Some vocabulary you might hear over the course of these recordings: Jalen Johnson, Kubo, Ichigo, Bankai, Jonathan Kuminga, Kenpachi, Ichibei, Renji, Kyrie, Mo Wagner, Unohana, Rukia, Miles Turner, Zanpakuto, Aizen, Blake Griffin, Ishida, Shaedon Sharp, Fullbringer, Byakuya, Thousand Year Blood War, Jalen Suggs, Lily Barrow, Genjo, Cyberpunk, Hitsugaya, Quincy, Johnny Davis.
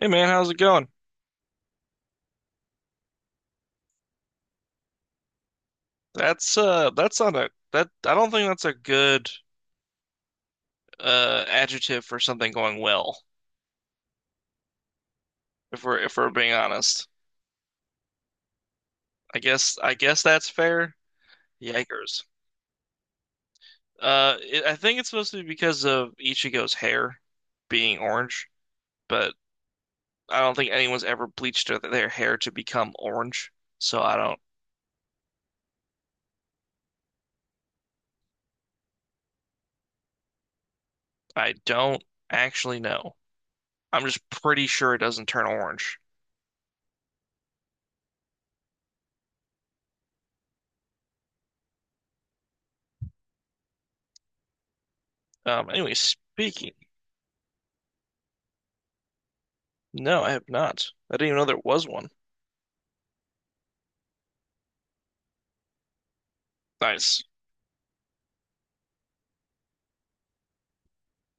Hey man, how's it going? That's that's not a that I don't think that's a good adjective for something going well, if we're being honest. I guess that's fair. Yikers. I think it's supposed to be because of Ichigo's hair being orange, but I don't think anyone's ever bleached their hair to become orange. So I don't actually know. I'm just pretty sure it doesn't turn orange. Anyway, speaking. No, I have not. I didn't even know there was one. Nice.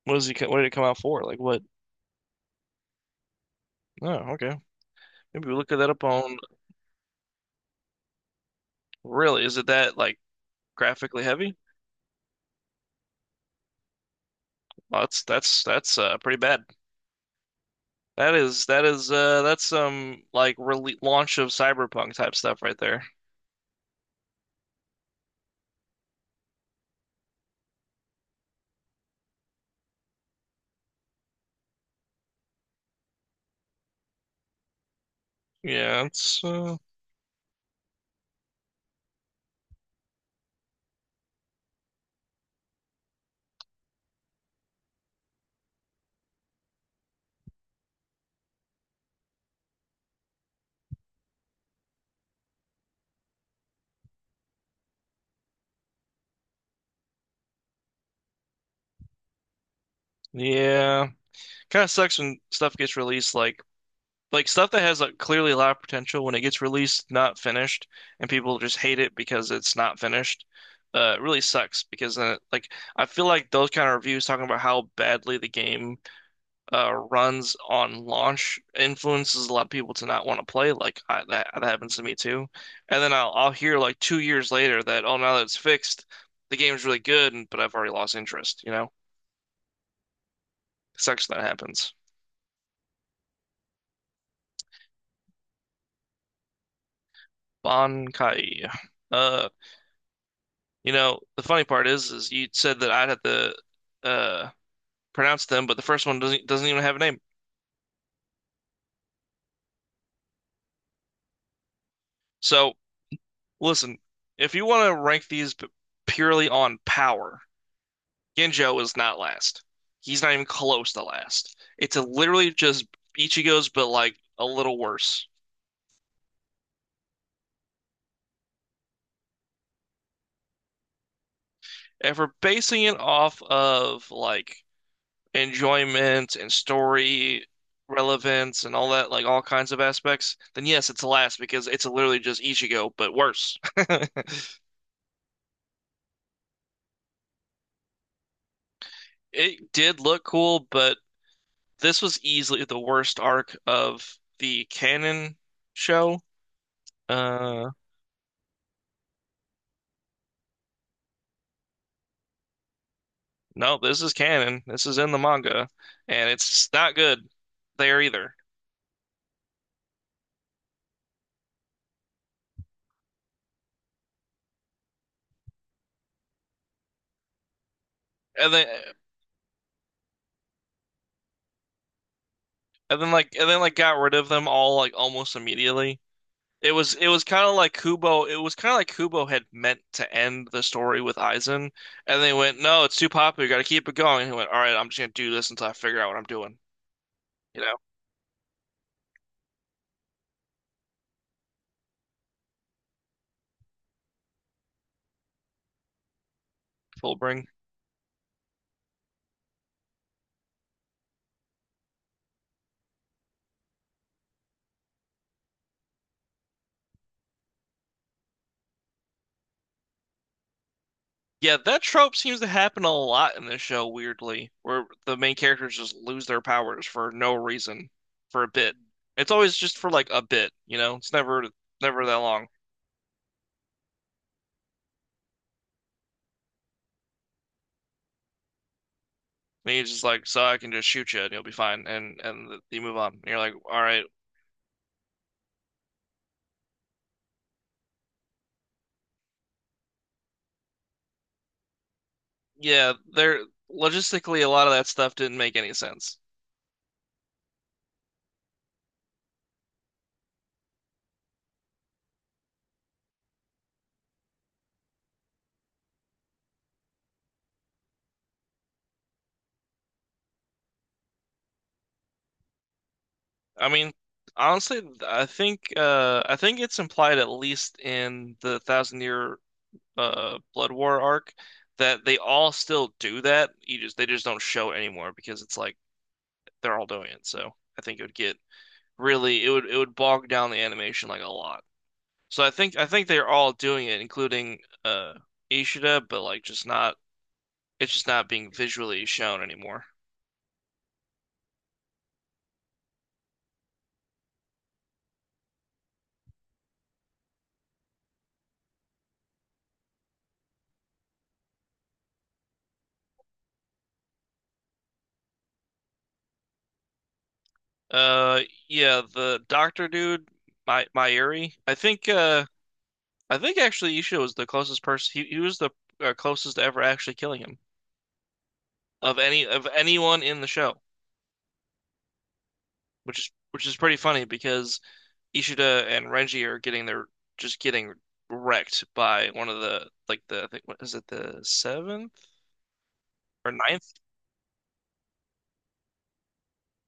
What does he? Co- What did it come out for? Like what? Oh, okay. Maybe we look at that up on. Really, is it that like graphically heavy? Well, that's pretty bad. That is that's some like rele launch of Cyberpunk type stuff right there. Yeah, it's uh, yeah. Kind of sucks when stuff gets released like stuff that has like clearly a lot of potential when it gets released, not finished, and people just hate it because it's not finished. It really sucks because then it, like I feel like those kind of reviews talking about how badly the game runs on launch influences a lot of people to not want to play. Like that that happens to me too, and then I'll hear like 2 years later that oh now that it's fixed, the game's really good, but I've already lost interest. You know, sucks that happens. Bankai. Uh, You know, the funny part is you said that I'd have to uh, pronounce them, but the first one doesn't even have a name. So listen, if you want to rank purely on power, Genjo is not last. He's not even close to last. It's a literally just Ichigo's, but like a little worse. And for basing it off of like enjoyment and story relevance and all that, like all kinds of aspects, then yes, it's last because it's literally just Ichigo, but worse. It did look cool, but this was easily the worst arc of the canon show. Uh, no, this is canon. This is in the manga, and it's not good there either. And then, and then like, got rid of them all like almost immediately. It was kind of like Kubo. It was kind of like Kubo had meant to end the story with Aizen, and they went, "No, it's too popular. You got to keep it going." And he went, "All right, I'm just gonna do this until I figure out what I'm doing." You know, full bring. Yeah, that trope seems to happen a lot in this show, weirdly, where the main characters just lose their powers for no reason for a bit. It's always just for like a bit, you know. It's never never that long. And he's just like, "So I can just shoot you, and you'll be fine," and you move on. And you're like, "All right." Yeah, there logistically a lot of that stuff didn't make any sense. I mean, honestly, I think I think it's implied at least in the Thousand Year Blood War arc that they all still do that. You just, they just don't show it anymore because it's like they're all doing it. So I think it would get really it would bog down the animation like a lot. So I think they're all doing it, including uh Ishida, but like just not it's just not being visually shown anymore. Uh, yeah, the doctor dude, my Myuri. I think I think actually Ishida was the closest person. He was the closest to ever actually killing him of any of anyone in the show, which is pretty funny because Ishida and Renji are getting their just getting wrecked by one of the like the I think what is it the seventh or ninth?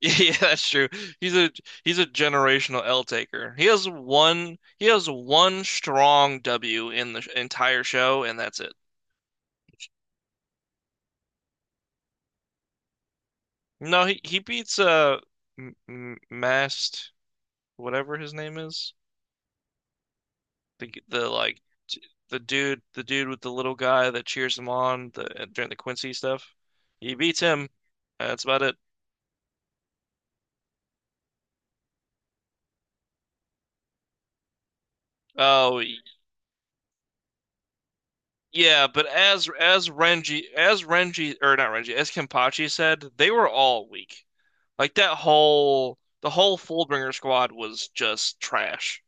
Yeah, that's true. He's a he's a generational L taker. He has one strong W in the entire show, and that's it. No, he beats M M- Mast whatever his name is. The like t- the dude with the little guy that cheers him on the during the Quincy stuff. He beats him. That's about it. Oh y- yeah, but as Renji or not Renji as Kenpachi said, they were all weak. Like that whole the whole Fullbringer squad was just trash.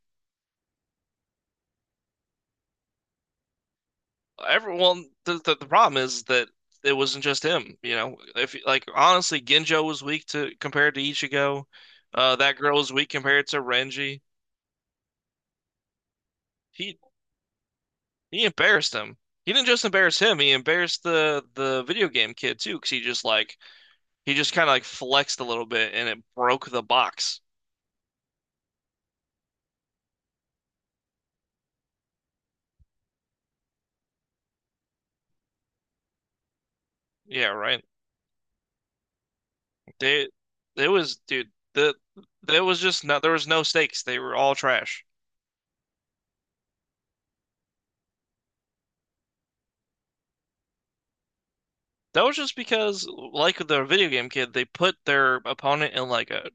Everyone the problem is that it wasn't just him, you know. If like honestly, Genjo was weak to compared to Ichigo. That girl was weak compared to Renji. He he embarrassed him. He didn't just embarrass him, he embarrassed the video game kid too. Because he just like he just kind of like flexed a little bit and it broke the box. Yeah, right. They it was dude, there was just no there was no stakes. They were all trash. That was just because, like the video game kid, they put their opponent in like a,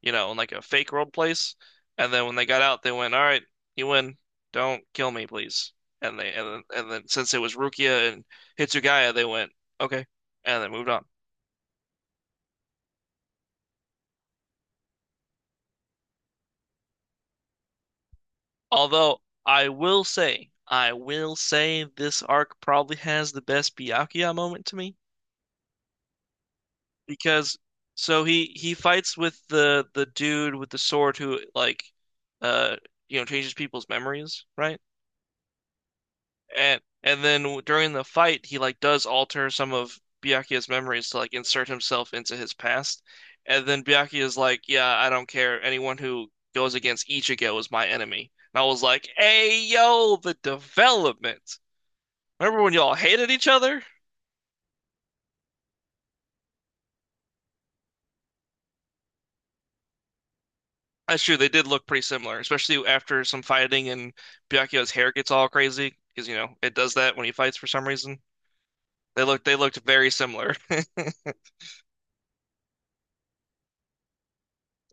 you know, in like a fake world place, and then when they got out, they went, "All right, you win. Don't kill me, please." And then since it was Rukia and Hitsugaya, they went, "Okay," and then moved on. Although I will say this arc probably has the best Byakuya moment to me. Because so he fights with the dude with the sword who like uh you know changes people's memories, right? And then during the fight he like does alter some of Byakuya's memories to like insert himself into his past. And then Byakuya's like, "Yeah, I don't care. Anyone who goes against Ichigo is my enemy." And I was like, "Hey, yo, the development. Remember when y'all hated each other?" That's true. They did look pretty similar, especially after some fighting and Byakuyo's hair gets all crazy because you know it does that when he fights for some reason. They looked very similar.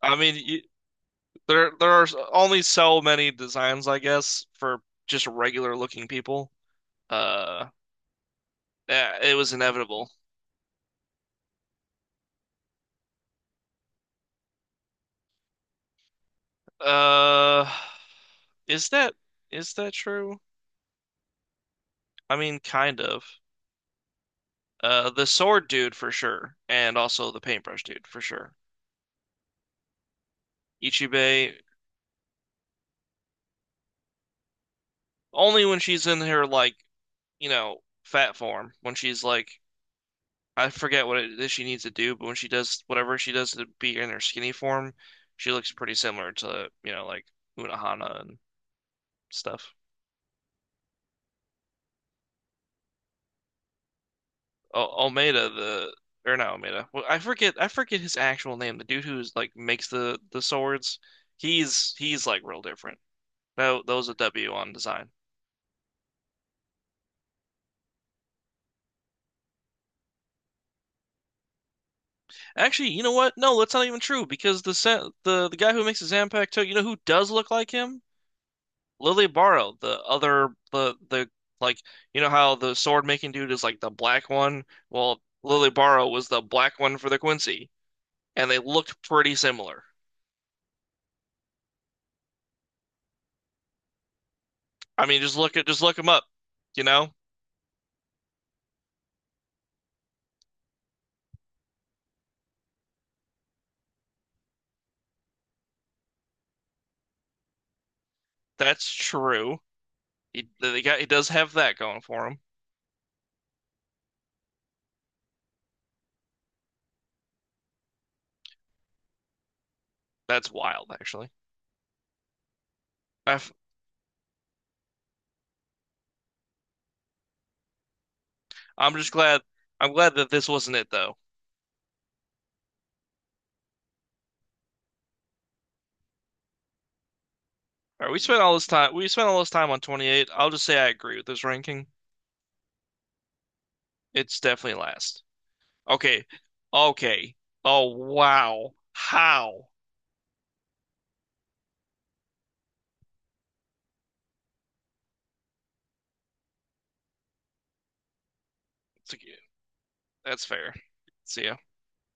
I mean, you, there are only so many designs, I guess, for just regular looking people. Uh, yeah, it was inevitable. Uh, is that is that true? I mean, kind of. The sword dude for sure, and also the paintbrush dude for sure. Ichibei. Only when she's in her like, you know, fat form, when she's like I forget what it is she needs to do, but when she does whatever she does to be in her skinny form, she looks pretty similar to, you know, like Unohana and stuff. O Omeda the or not Omeda. Well, I forget his actual name. The dude who's like makes the swords, he's like real different. No, that was a W on design. Actually, you know what? No, that's not even true because the guy who makes the Zanpakuto, you know who does look like him? Lily Barrow, the the like you know how the sword making dude is like the black one? Well, Lily Barrow was the black one for the Quincy, and they looked pretty similar. I mean, just look him up. You know, that's true. He the guy he does have that going for him. That's wild, actually. i I'm just glad I'm glad that this wasn't it though. All right, we spent all this time on 28. I'll just say I agree with this ranking. It's definitely last. Okay. Okay. Oh, wow. How? It's like, yeah, that's fair. See ya.